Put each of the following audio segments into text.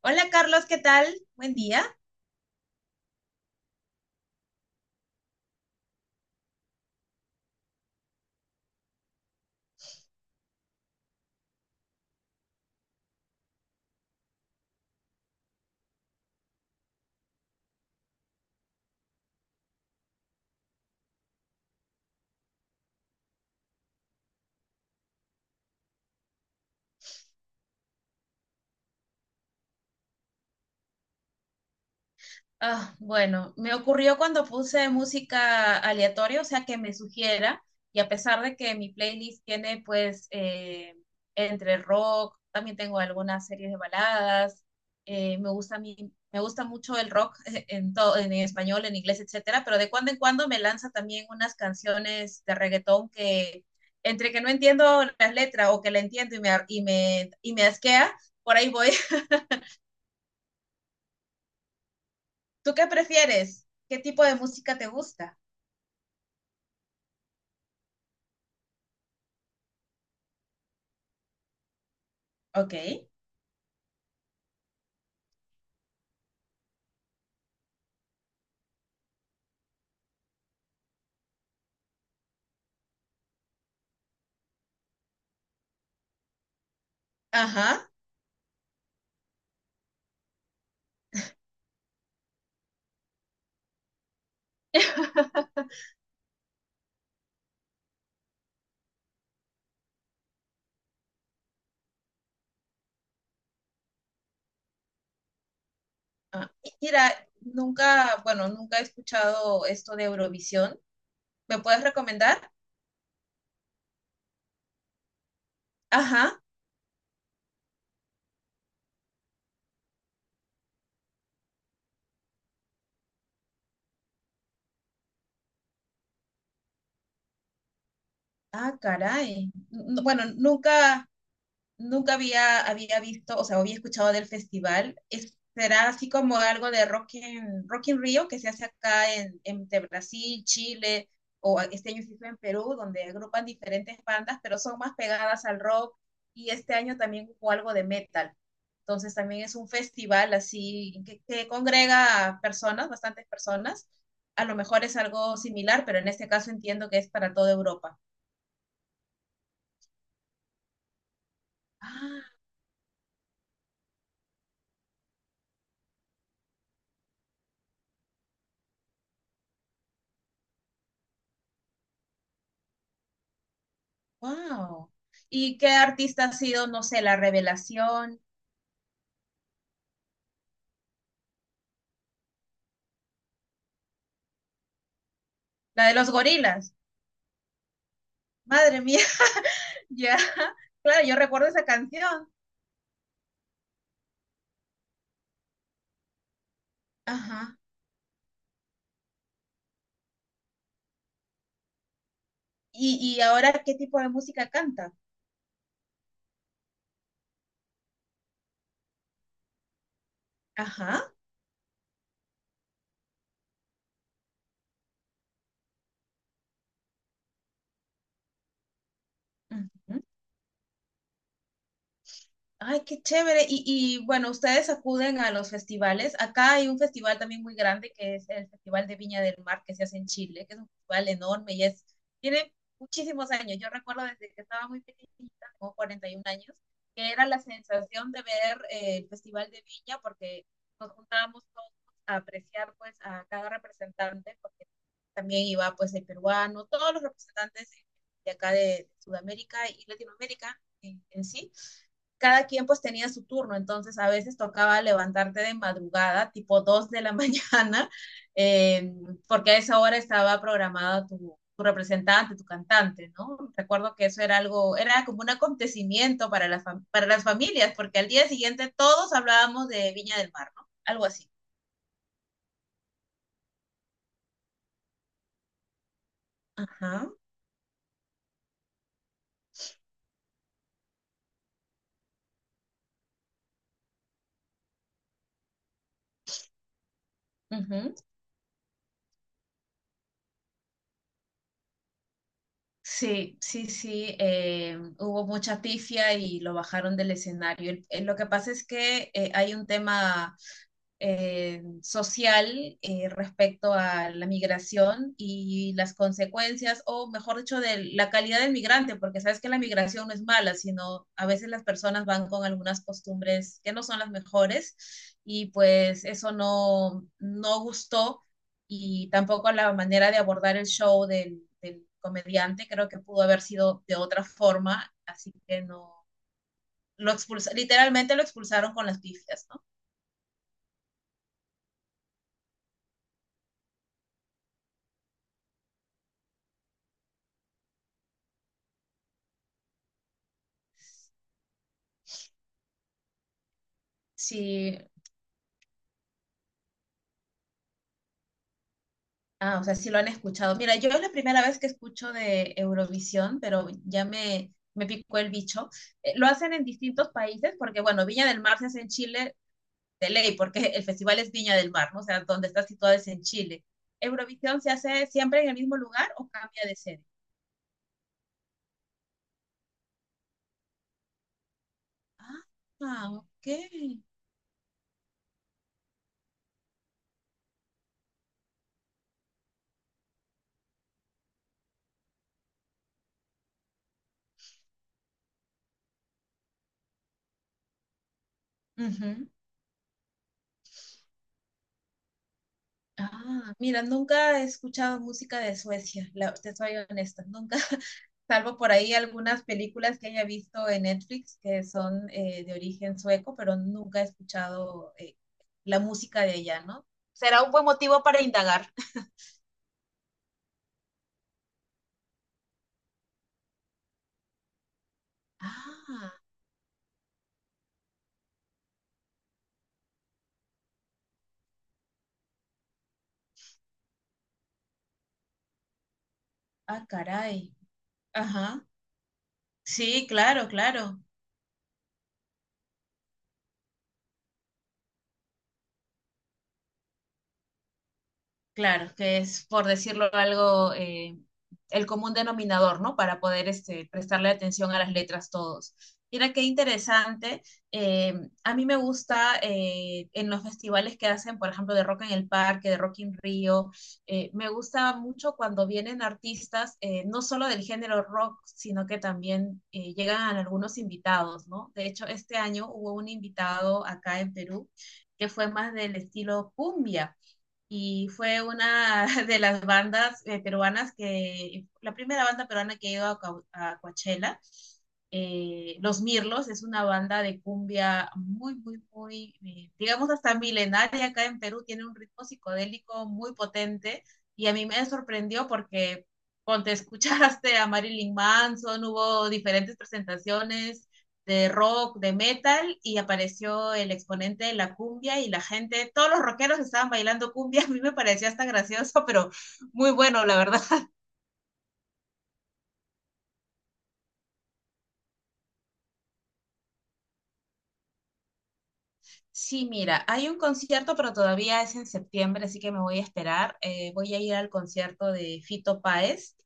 Hola Carlos, ¿qué tal? Buen día. Bueno, Me ocurrió cuando puse música aleatoria, o sea, que me sugiera, y a pesar de que mi playlist tiene entre rock, también tengo algunas series de baladas, me gusta me gusta mucho el rock en todo, en español, en inglés, etcétera, pero de cuando en cuando me lanza también unas canciones de reggaetón que entre que no entiendo las letras o que la entiendo y me, ar- y me asquea, por ahí voy. ¿Tú qué prefieres? ¿Qué tipo de música te gusta? Ok, ajá. Ah, mira, nunca he escuchado esto de Eurovisión. ¿Me puedes recomendar? Ajá. Ah, caray. Nunca. Había visto, o sea, había escuchado del festival. Será así como algo de Rock in Rio que se hace acá en, entre Brasil, Chile, o este año se hizo en Perú, donde agrupan diferentes bandas, pero son más pegadas al rock. Y este año también hubo algo de metal. Entonces también es un festival así que congrega a personas, bastantes personas. A lo mejor es algo similar, pero en este caso entiendo que es para toda Europa. Ah, wow. ¿Y qué artista ha sido, no sé, la revelación? La de los gorilas. Madre mía, ya. Claro, yo recuerdo esa canción. Ajá. Y ahora qué tipo de música canta? Ajá. Ujú. Ay, qué chévere. Y bueno, ustedes acuden a los festivales. Acá hay un festival también muy grande que es el Festival de Viña del Mar que se hace en Chile, que es un festival enorme tiene muchísimos años. Yo recuerdo desde que estaba muy pequeñita, como 41 años, que era la sensación de ver el Festival de Viña porque nos juntábamos todos a apreciar pues a cada representante, porque también iba pues el peruano, todos los representantes de acá de Sudamérica y Latinoamérica en sí cada quien pues tenía su turno, entonces a veces tocaba levantarte de madrugada, tipo 2 de la mañana, eh, porque a esa hora estaba programado tu representante, tu cantante, ¿no? Recuerdo que eso era algo, era como un acontecimiento para para las familias, porque al día siguiente todos hablábamos de Viña del Mar, ¿no? Algo así. Ajá. Uh -huh. Sí, sí, sí, hubo mucha pifia y lo bajaron del escenario. Lo que pasa es que hay un tema social respecto a la migración y las consecuencias, o mejor dicho, de la calidad del migrante, porque sabes que la migración no es mala, sino a veces las personas van con algunas costumbres que no son las mejores y pues eso no gustó y tampoco la manera de abordar el show del comediante creo que pudo haber sido de otra forma, así que no, lo expulsa, literalmente lo expulsaron con las pifias, ¿no? Sí, ah, o sea, sí lo han escuchado. Mira, yo es la primera vez que escucho de Eurovisión, pero me picó el bicho. Lo hacen en distintos países, porque bueno, Viña del Mar se hace en Chile de ley, porque el festival es Viña del Mar, ¿no? O sea, donde está situado es en Chile. ¿Eurovisión se hace siempre en el mismo lugar o cambia de sede? Ah, ok. Ujú. Ah, mira, nunca he escuchado música de Suecia, te soy honesta, nunca. Salvo por ahí algunas películas que haya visto en Netflix que son de origen sueco, pero nunca he escuchado la música de ella, ¿no? Será un buen motivo para indagar. Ah, ah, caray. Ajá. Sí, claro, claro. Claro, que es, por decirlo algo, el común denominador, ¿no? Para poder este, prestarle atención a las letras todos. Mira qué interesante. eh, a mí me gusta en los festivales que hacen, por ejemplo, de Rock en el Parque, de Rock in Río. Me gusta mucho cuando vienen artistas, no solo del género rock, sino que también llegan algunos invitados, ¿no? De hecho, este año hubo un invitado acá en Perú que fue más del estilo cumbia y fue una de las bandas peruanas que, la primera banda peruana que a Coachella. Los Mirlos es una banda de cumbia muy, muy, muy, digamos hasta milenaria acá en Perú, tiene un ritmo psicodélico muy potente y a mí me sorprendió porque, cuando te escuchaste a Marilyn Manson, hubo diferentes presentaciones de rock, de metal, y apareció el exponente de la cumbia y la gente, todos los rockeros estaban bailando cumbia, a mí me parecía hasta gracioso, pero muy bueno, la verdad. Sí, mira, hay un concierto, pero todavía es en septiembre, así que me voy a esperar. Voy a ir al concierto de Fito Páez,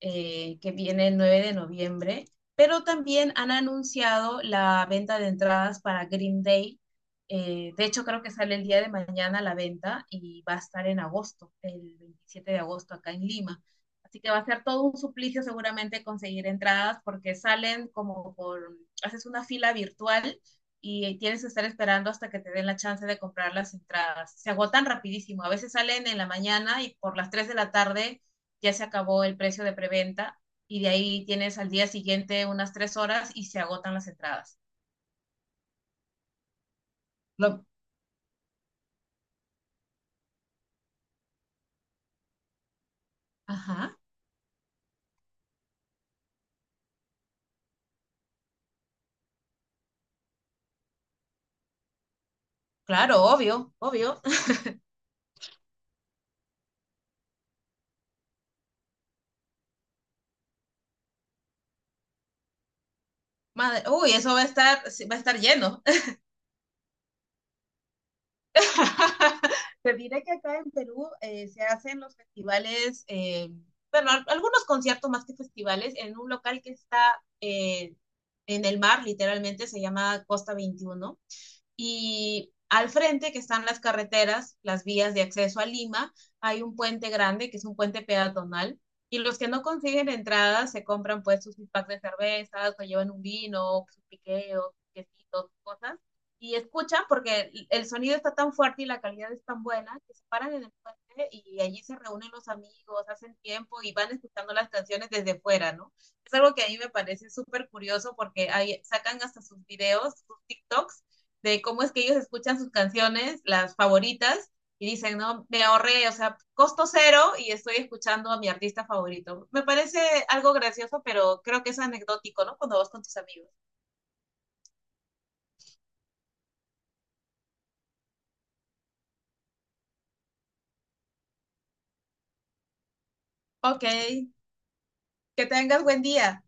que viene el 9 de noviembre, pero también han anunciado la venta de entradas para Green Day. De hecho, creo que sale el día de mañana la venta y va a estar en agosto, el 27 de agosto, acá en Lima. Así que va a ser todo un suplicio seguramente conseguir entradas porque salen haces una fila virtual y tienes que estar esperando hasta que te den la chance de comprar las entradas. Se agotan rapidísimo, a veces salen en la mañana y por las 3 de la tarde ya se acabó el precio de preventa y de ahí tienes al día siguiente unas 3 horas y se agotan las entradas. No. Ajá, claro, obvio, obvio. Madre, uy, eso va a estar lleno. Te diré que acá en Perú se hacen los festivales, algunos conciertos más que festivales, en un local que está en el mar, literalmente, se llama Costa 21 y al frente, que están las carreteras, las vías de acceso a Lima, hay un puente grande, que es un puente peatonal, y los que no consiguen entradas se compran pues sus packs de cervezas, o llevan un vino, sus piqueos, quesito, cosas, y escuchan porque el sonido está tan fuerte y la calidad es tan buena que se paran en el puente y allí se reúnen los amigos, hacen tiempo y van escuchando las canciones desde fuera, ¿no? Es algo que a mí me parece súper curioso porque ahí sacan hasta sus videos, sus TikToks de cómo es que ellos escuchan sus canciones, las favoritas, y dicen, no, me ahorré, o sea, costo cero y estoy escuchando a mi artista favorito. Me parece algo gracioso, pero creo que es anecdótico, ¿no? Cuando vas con tus amigos. Ok, que tengas buen día.